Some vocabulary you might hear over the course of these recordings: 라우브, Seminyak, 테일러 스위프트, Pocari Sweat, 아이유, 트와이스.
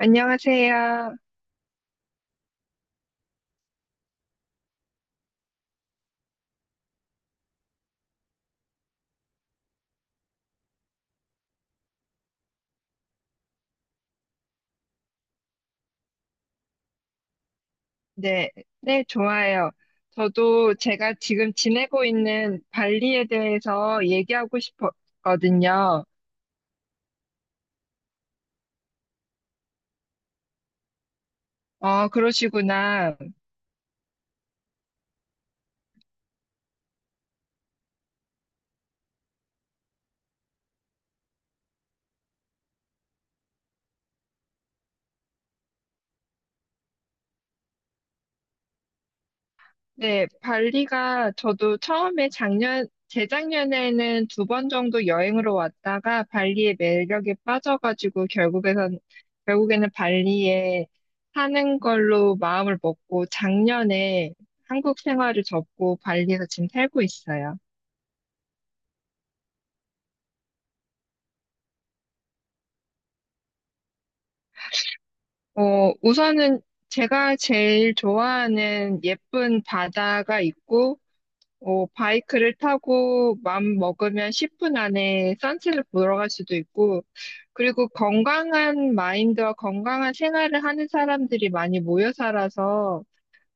안녕하세요. 네, 네, 좋아요. 저도 제가 지금 지내고 있는 발리에 대해서 얘기하고 싶었거든요. 그러시구나. 네, 발리가 저도 처음에 작년, 재작년에는 2번 정도 여행으로 왔다가 발리의 매력에 빠져가지고 결국에는 발리에 사는 걸로 마음을 먹고 작년에 한국 생활을 접고 발리에서 지금 살고 있어요. 우선은 제가 제일 좋아하는 예쁜 바다가 있고, 바이크를 타고 맘 먹으면 10분 안에 선셋을 보러 갈 수도 있고, 그리고 건강한 마인드와 건강한 생활을 하는 사람들이 많이 모여 살아서,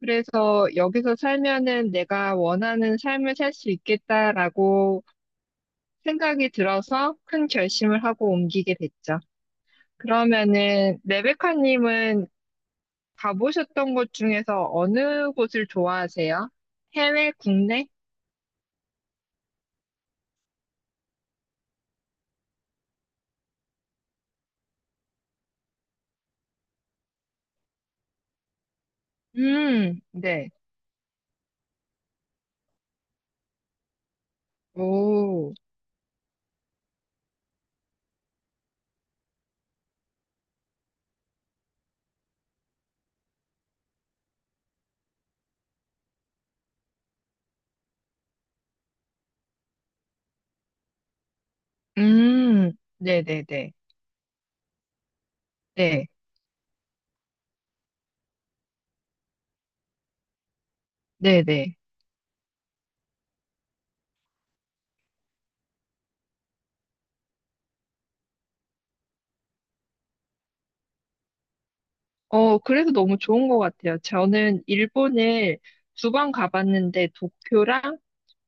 그래서 여기서 살면은 내가 원하는 삶을 살 수 있겠다라고 생각이 들어서 큰 결심을 하고 옮기게 됐죠. 그러면은 레베카님은 가보셨던 곳 중에서 어느 곳을 좋아하세요? 해외, 국내? 네. 오, 음, 네네네. 네, 네네. 그래서 너무 좋은 것 같아요. 저는 일본을 2번 가봤는데 도쿄랑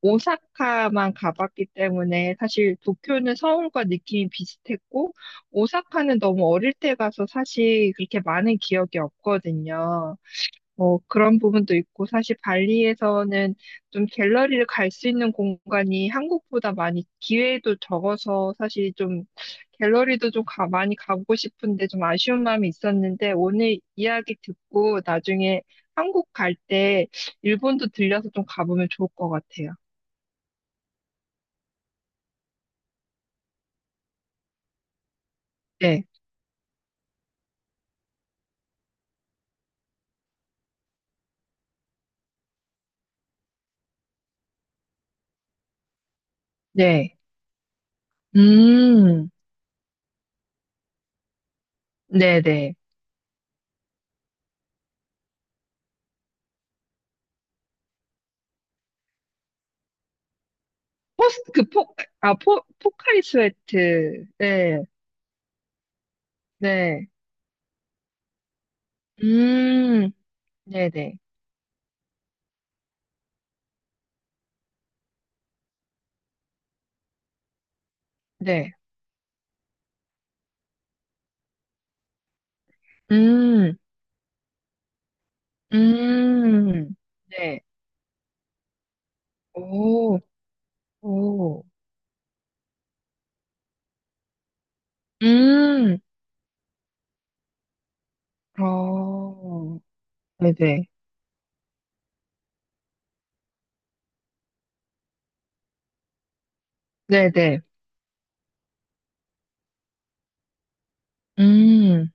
오사카만 가봤기 때문에 사실 도쿄는 서울과 느낌이 비슷했고 오사카는 너무 어릴 때 가서 사실 그렇게 많은 기억이 없거든요. 뭐 그런 부분도 있고 사실 발리에서는 좀 갤러리를 갈 수 있는 공간이 한국보다 많이 기회도 적어서 사실 좀 갤러리도 좀 많이 가보고 싶은데 좀 아쉬운 마음이 있었는데 오늘 이야기 듣고 나중에 한국 갈 때 일본도 들려서 좀 가보면 좋을 것 같아요. 네, 네, 음, 네, 네. 포스 그 포, 아, 포, 포카리 스웨트. 네, 네, 음, 네, 네, 네. 음, 음, 네. 오, 오, 음, 어, 네네, 네네, 음,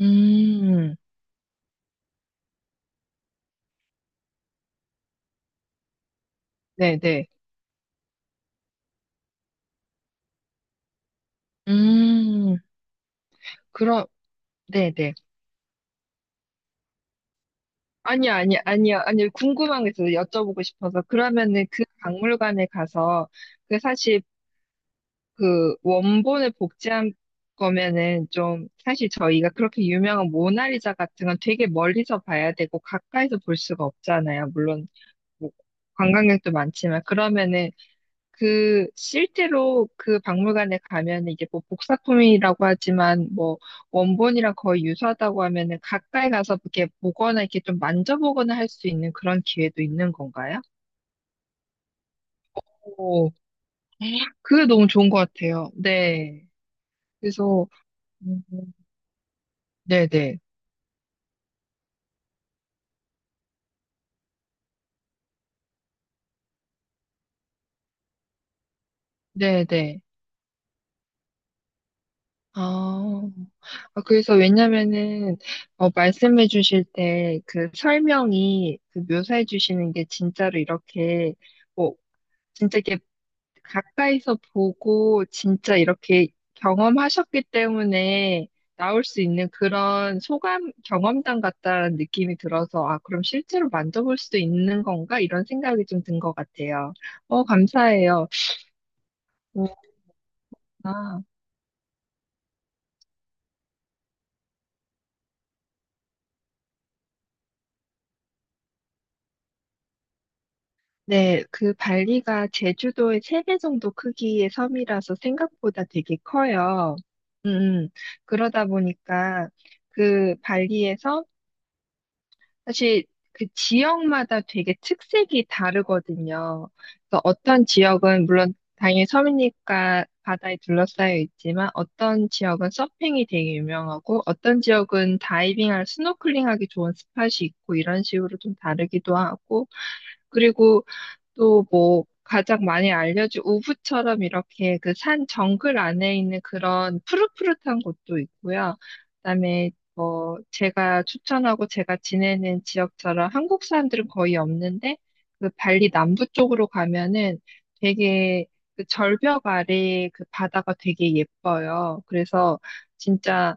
음, 네네, 음, 그럼, 네네. 아니요, 아니요, 아니요, 아니요. 궁금한 게 있어서 여쭤보고 싶어서. 그러면은 그 박물관에 가서, 그 사실 그 원본을 복제한 거면은 좀 사실 저희가 그렇게 유명한 모나리자 같은 건 되게 멀리서 봐야 되고 가까이서 볼 수가 없잖아요. 물론 뭐 관광객도 많지만 그러면은 그 실제로 그 박물관에 가면은 이게 뭐 복사품이라고 하지만 뭐 원본이랑 거의 유사하다고 하면은 가까이 가서 이렇게 보거나 이렇게 좀 만져보거나 할 수 있는 그런 기회도 있는 건가요? 오, 그게 너무 좋은 것 같아요. 네. 그래서 음. 네네. 네네. 아, 아, 그래서 왜냐면은, 말씀해 주실 때 그 설명이 그 묘사해 주시는 게 진짜로 이렇게, 뭐, 진짜 이렇게 가까이서 보고 진짜 이렇게 경험하셨기 때문에 나올 수 있는 그런 소감, 경험담 같다는 느낌이 들어서, 아, 그럼 실제로 만져볼 수도 있는 건가? 이런 생각이 좀 든 것 같아요. 감사해요. 오, 네, 그 발리가 제주도의 3배 정도 크기의 섬이라서 생각보다 되게 커요. 음, 음. 그러다 보니까 그 발리에서 사실 그 지역마다 되게 특색이 다르거든요. 그래서 어떤 지역은 물론 당연히 섬이니까 바다에 둘러싸여 있지만 어떤 지역은 서핑이 되게 유명하고 어떤 지역은 다이빙할 스노클링하기 좋은 스팟이 있고 이런 식으로 좀 다르기도 하고 그리고 또 뭐 가장 많이 알려진 우붓처럼 이렇게 그 산 정글 안에 있는 그런 푸릇푸릇한 곳도 있고요. 그다음에 제가 추천하고 제가 지내는 지역처럼 한국 사람들은 거의 없는데, 그 발리 남부 쪽으로 가면은 되게 그 절벽 아래 그 바다가 되게 예뻐요. 그래서 진짜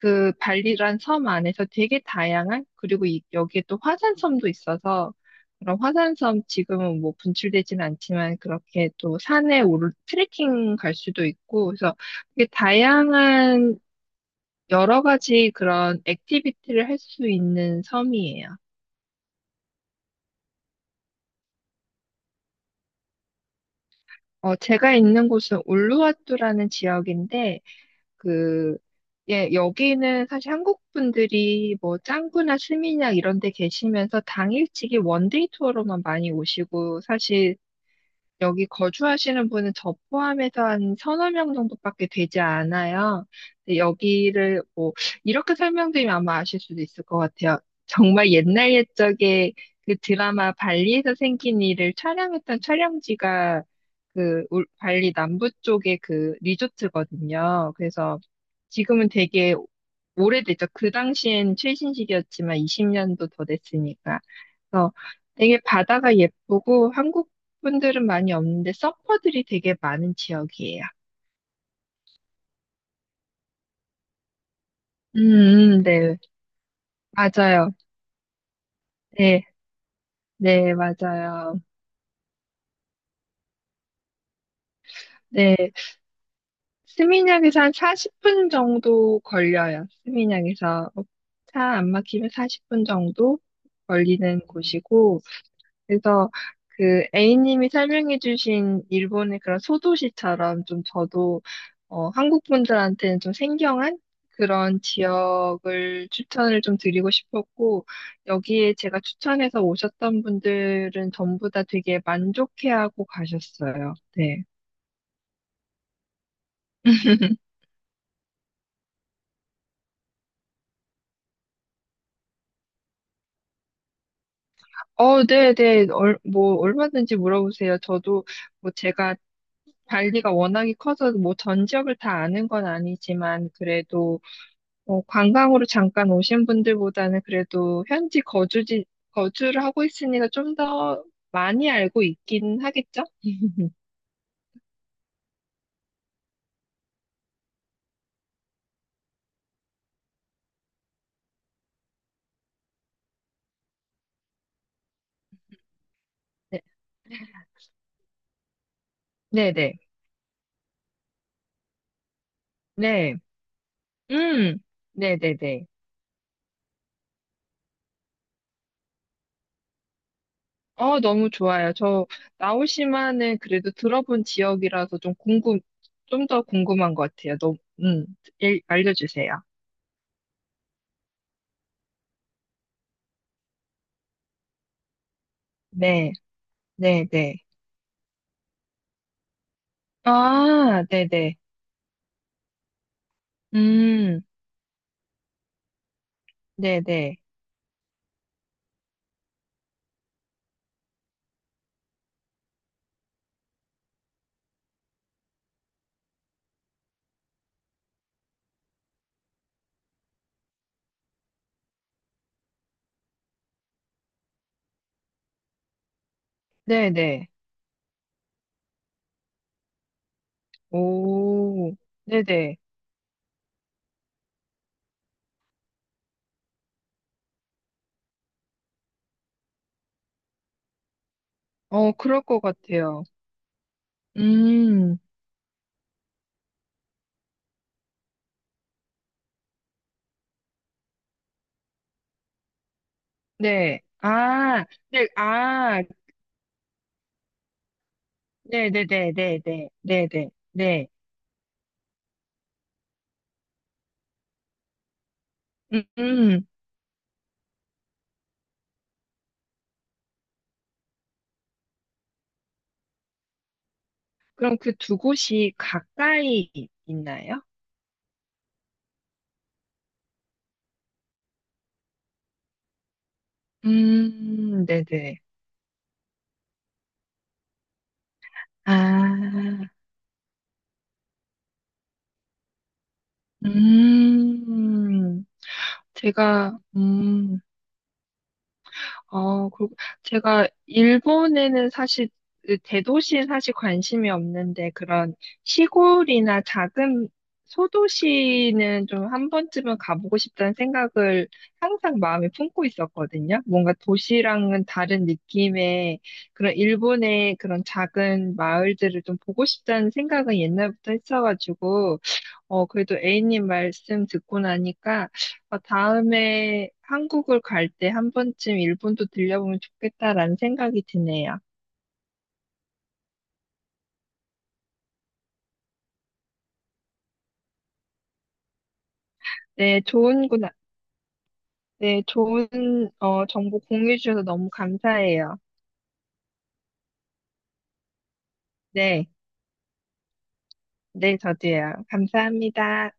그 발리란 섬 안에서 되게 다양한, 그리고 여기에 또 화산섬도 있어서, 그런 화산섬 지금은 뭐 분출되진 않지만 그렇게 또 산에 오르 트레킹 갈 수도 있고, 그래서 되게 다양한 여러 가지 그런 액티비티를 할 수 있는 섬이에요. 제가 있는 곳은 울루와뚜라는 지역인데, 그, 예, 여기는 사실 한국 분들이 뭐 짱구나 스미냑 이런 데 계시면서 당일치기 원데이 투어로만 많이 오시고, 사실 여기 거주하시는 분은 저 포함해서 한 서너 명 정도밖에 되지 않아요. 근데 여기를 뭐 이렇게 설명드리면 아마 아실 수도 있을 것 같아요. 정말 옛날 옛적에 그 드라마 발리에서 생긴 일을 촬영했던 촬영지가 그 발리 남부 쪽의 그 리조트거든요. 그래서 지금은 되게 오래됐죠. 그 당시엔 최신식이었지만 20년도 더 됐으니까. 그래서 되게 바다가 예쁘고 한국 분들은 많이 없는데 서퍼들이 되게 많은 지역이에요. 네, 맞아요. 네, 네, 맞아요. 네, 스미냑에서 한 40분 정도 걸려요. 스미냑에서 차 안 막히면 40분 정도 걸리는 곳이고, 그래서 그 A님이 설명해주신 일본의 그런 소도시처럼 좀 저도 한국 분들한테는 좀 생경한 그런 지역을 추천을 좀 드리고 싶었고 여기에 제가 추천해서 오셨던 분들은 전부 다 되게 만족해하고 가셨어요. 네. 네, 네. 뭐 얼마든지 물어보세요. 저도 뭐 제가 발리가 워낙에 커서 뭐 전 지역을 다 아는 건 아니지만 그래도 관광으로 잠깐 오신 분들보다는 그래도 현지 거주를 하고 있으니까 좀 더 많이 알고 있긴 하겠죠? 네, 네네. 네. 음, 네네네. 너무 좋아요. 저 나오시마는 그래도 들어본 지역이라서 좀 더 궁금한 것 같아요. 음, 알려주세요. 네, 네네. 아, 네네. 음, 네네. 네네. 오, 네네. 그럴 것 같아요. 음, 네. 아, 네, 아, 네네네네네. 네네. 네. 음, 음. 그럼 그 두 곳이 가까이 있나요? 네네. 아, 음, 제가, 음. 그, 제가 일본에는 사실 그 대도시에 사실 관심이 없는데 그런 시골이나 작은 소도시는 좀 한 번쯤은 가보고 싶다는 생각을 항상 마음에 품고 있었거든요. 뭔가 도시랑은 다른 느낌의 그런 일본의 그런 작은 마을들을 좀 보고 싶다는 생각은 옛날부터 했어가지고 그래도 A님 말씀 듣고 나니까 다음에 한국을 갈 때 한 번쯤 일본도 들려보면 좋겠다라는 생각이 드네요. 네, 좋은 구 네, 좋은 어, 정보 공유해 주셔서 너무 감사해요. 네, 네, 저도요. 감사합니다.